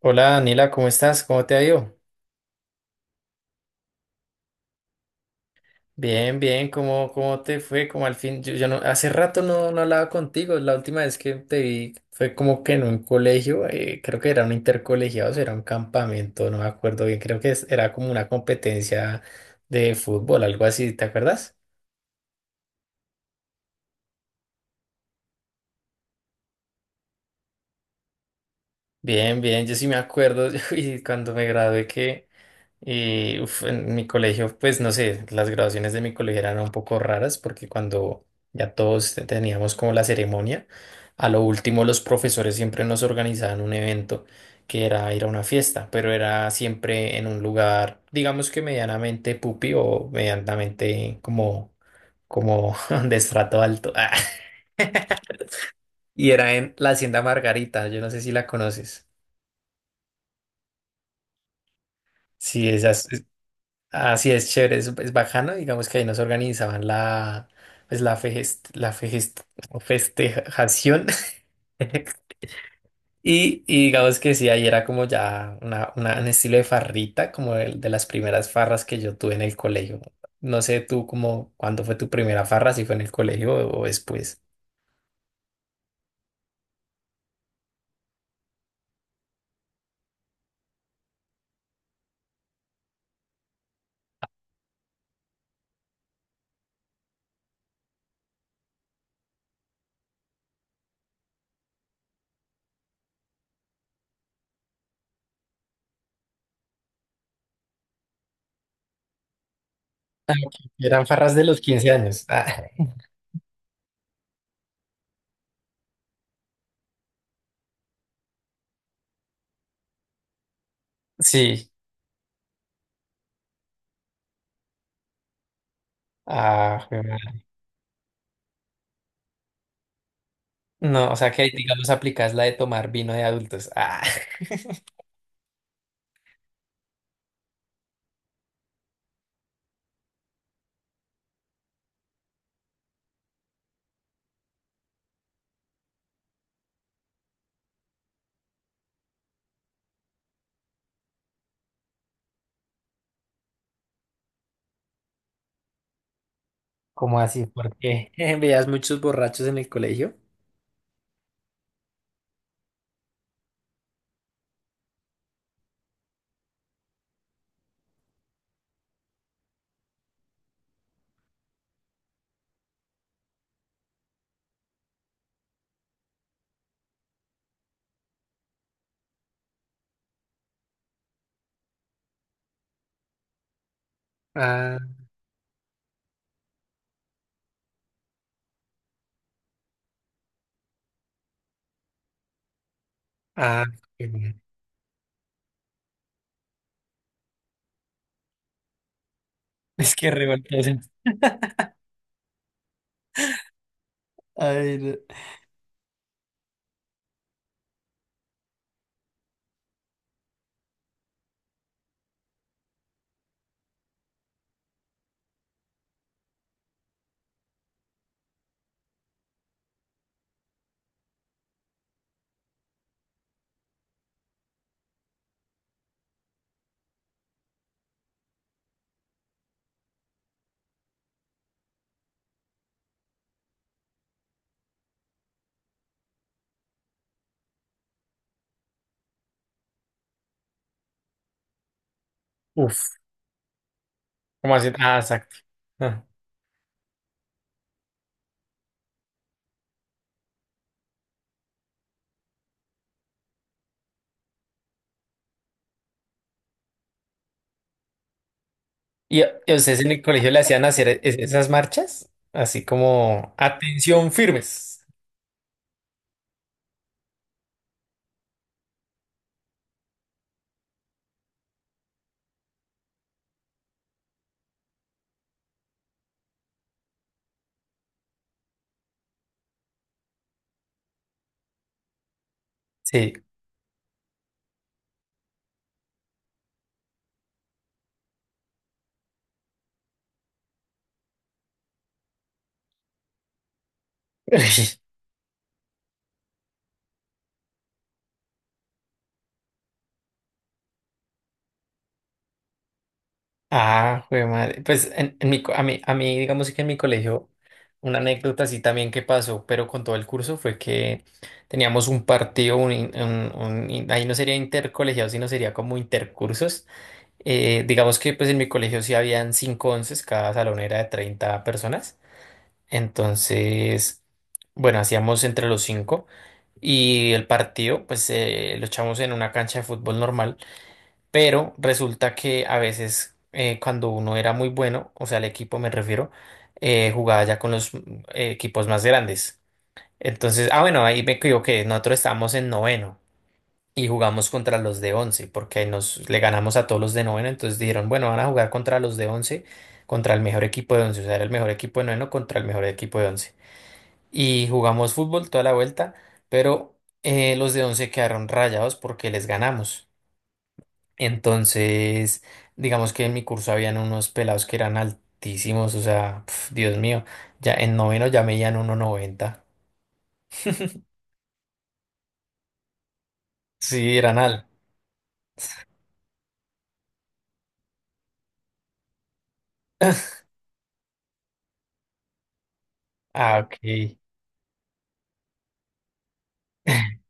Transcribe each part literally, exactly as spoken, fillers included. Hola Daniela, ¿cómo estás? ¿Cómo te ha ido? Bien, bien, ¿cómo, cómo te fue? Como al fin, yo, yo no, hace rato no, no hablaba contigo, la última vez que te vi fue como que en un colegio, eh, creo que era un intercolegiado, o sea, era un campamento, no me acuerdo bien, creo que es- era como una competencia de fútbol, algo así, ¿te acuerdas? Bien, bien, yo sí me acuerdo y cuando me gradué que eh, uf, en mi colegio, pues no sé, las graduaciones de mi colegio eran un poco raras porque cuando ya todos te- teníamos como la ceremonia, a lo último los profesores siempre nos organizaban un evento que era ir a una fiesta, pero era siempre en un lugar, digamos que medianamente pupi o medianamente como, como de estrato alto. Y era en la Hacienda Margarita, yo no sé si la conoces. Sí, esas. Así es, chévere, es, es bajano, digamos que ahí nos organizaban la, pues la, fejest- la fejest- festejación. y, y digamos que sí, ahí era como ya una, una- un estilo de farrita, como el de las primeras farras que yo tuve en el colegio. No sé tú como cuándo fue tu primera farra, si fue en el colegio o, o después. Ah, ok. Eran farras de los quince años. Ah, sí. Ah, jue madre. No, o sea que digamos aplicas la de tomar vino de adultos. Ah. ¿Cómo así? ¿Por qué? ¿Veías muchos borrachos en el colegio? Ah, ah, qué bien. Es que revoltoso. Ay, no. Uf, ¿cómo así? Ah, exacto. Ah. ¿Y a- y a ustedes en el colegio le hacían hacer e- esas marchas? Así como, atención, firmes. Sí. Ah, jue madre. Pues en, en mi, co- a mí, a mí, digamos que en mi colegio, una anécdota así también que pasó, pero con todo el curso, fue que teníamos un partido, un, in- un- un in- ahí no sería intercolegiado, sino sería como intercursos. Eh, digamos que pues en mi colegio sí habían cinco onces, cada salón era de treinta personas. Entonces, bueno, hacíamos entre los cinco y el partido, pues eh, lo echamos en una cancha de fútbol normal. Pero resulta que a veces eh, cuando uno era muy bueno, o sea, el equipo me refiero, eh, jugaba ya con los mm, eh, equipos más grandes. Entonces, ah, bueno, ahí me equivoqué, nosotros estábamos en noveno y jugamos contra los de once, porque ahí nos le ganamos a todos los de noveno, entonces dijeron, bueno, van a jugar contra los de once, contra el mejor equipo de once, o sea, era el mejor equipo de noveno contra el mejor equipo de once. Y jugamos fútbol toda la vuelta, pero eh, los de once quedaron rayados porque les ganamos. Entonces, digamos que en mi curso habían unos pelados que eran altísimos, o sea, pf, Dios mío, ya en noveno ya medían uno noventa. Sí, eran al. Ah, ok.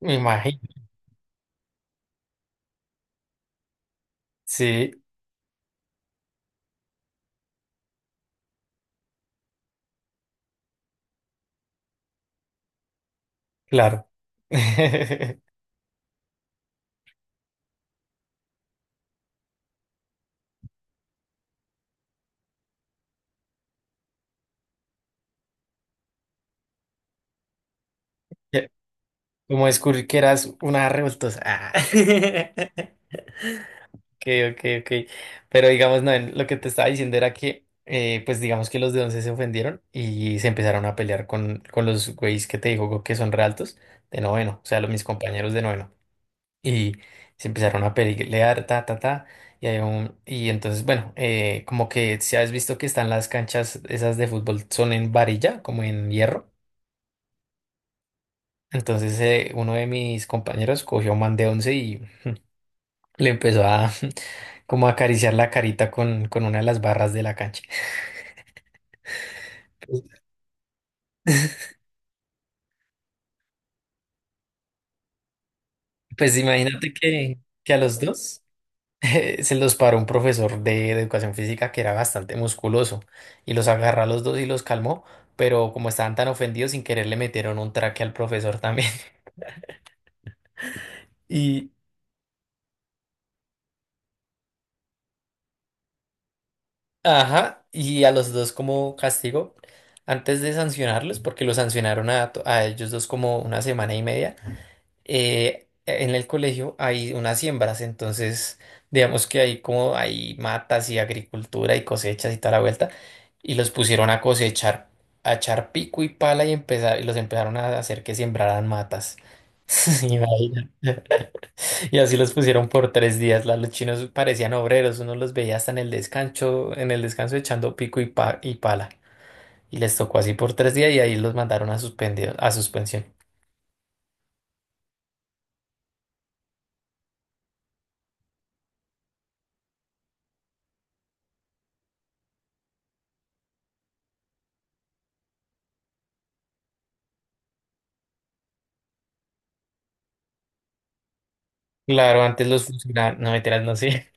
Me imagino. Sí, claro. Ya, como descubrir que eras una revoltosa. Ah. Ok, ok. Ok. Pero digamos, no, en- lo que te estaba diciendo era que, eh, pues digamos que los de once se ofendieron y se empezaron a pelear con, con los güeyes que te digo que son realtos de noveno, o sea, los, mis compañeros de noveno. Y se empezaron a pelear, ta, ta, ta. Y, hay un, y entonces, bueno, eh, como que si has visto que están las canchas esas de fútbol, son en varilla, como en hierro. Entonces, eh, uno de mis compañeros cogió man de once y le empezó a. Como acariciar la carita con, con una de las barras de la cancha. Pues imagínate que, que a los dos se los paró un profesor de, de educación física que era bastante musculoso y los agarró a los dos y los calmó, pero como estaban tan ofendidos, sin querer le metieron un traque al profesor también. Y, ajá, y a los dos como castigo, antes de sancionarlos, porque los sancionaron a, to- a ellos dos como una semana y media. Eh, en el colegio hay unas siembras, entonces digamos que hay como hay matas y agricultura y cosechas y toda la vuelta, y los pusieron a cosechar, a echar pico y pala y empezar, y los empezaron a hacer que sembraran matas. Imagina. Y así los pusieron por tres días. la- Los chinos parecían obreros, uno los veía hasta en el descanso, en el descanso echando pico y, pa- y pala. Y les tocó así por tres días y ahí los mandaron a suspendido, a suspensión. Claro, antes los funcionarios, no mentiras, no sé.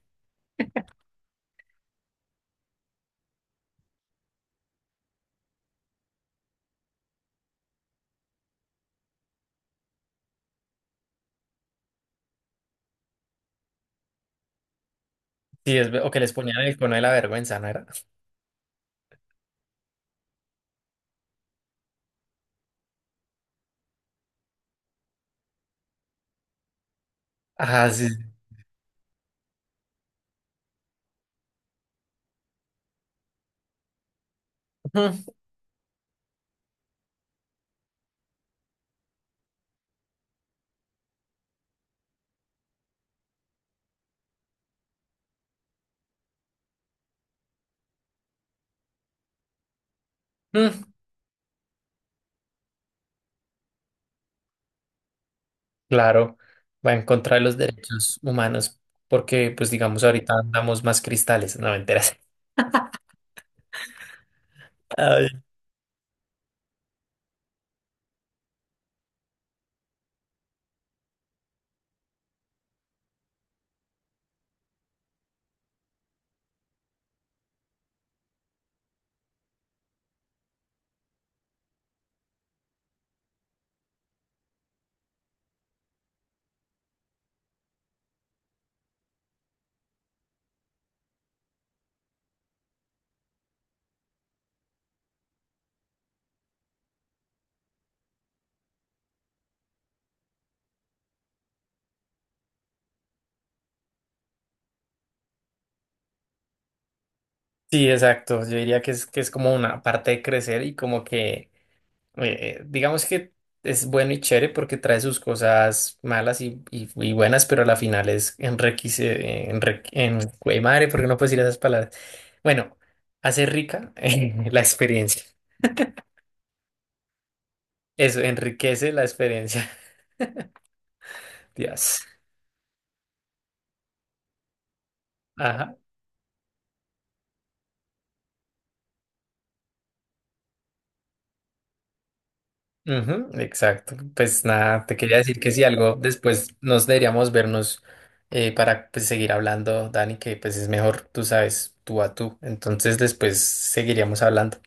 Sí, es, ve- o que les ponían el cono de la vergüenza, ¿no era? Ah, sí. Ujú, ujú. Claro, va en contra de los derechos humanos, porque, pues, digamos, ahorita andamos más cristales, no me enteras. Ay, sí, exacto. Yo diría que es, que es como una parte de crecer y como que, eh, digamos que es bueno y chévere porque trae sus cosas malas y, y- y buenas, pero a la final es enriquece, enrique- en, güey, madre, porque no puedes decir esas palabras. Bueno, hace rica, la experiencia. Eso enriquece la experiencia. Dios. Ajá. Ujú, exacto. Pues nada, te quería decir que si algo después nos deberíamos vernos eh, para pues, seguir hablando, Dani, que pues es mejor, tú sabes, tú a tú. Entonces después seguiríamos hablando.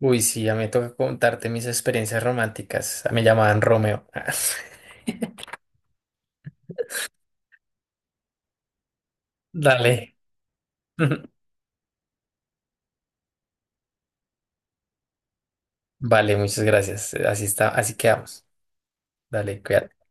Uy, sí, ya me toca contarte mis experiencias románticas. Ah, me llamaban Romeo. Dale. Vale, muchas gracias. Así está, así quedamos. Dale, cuídate.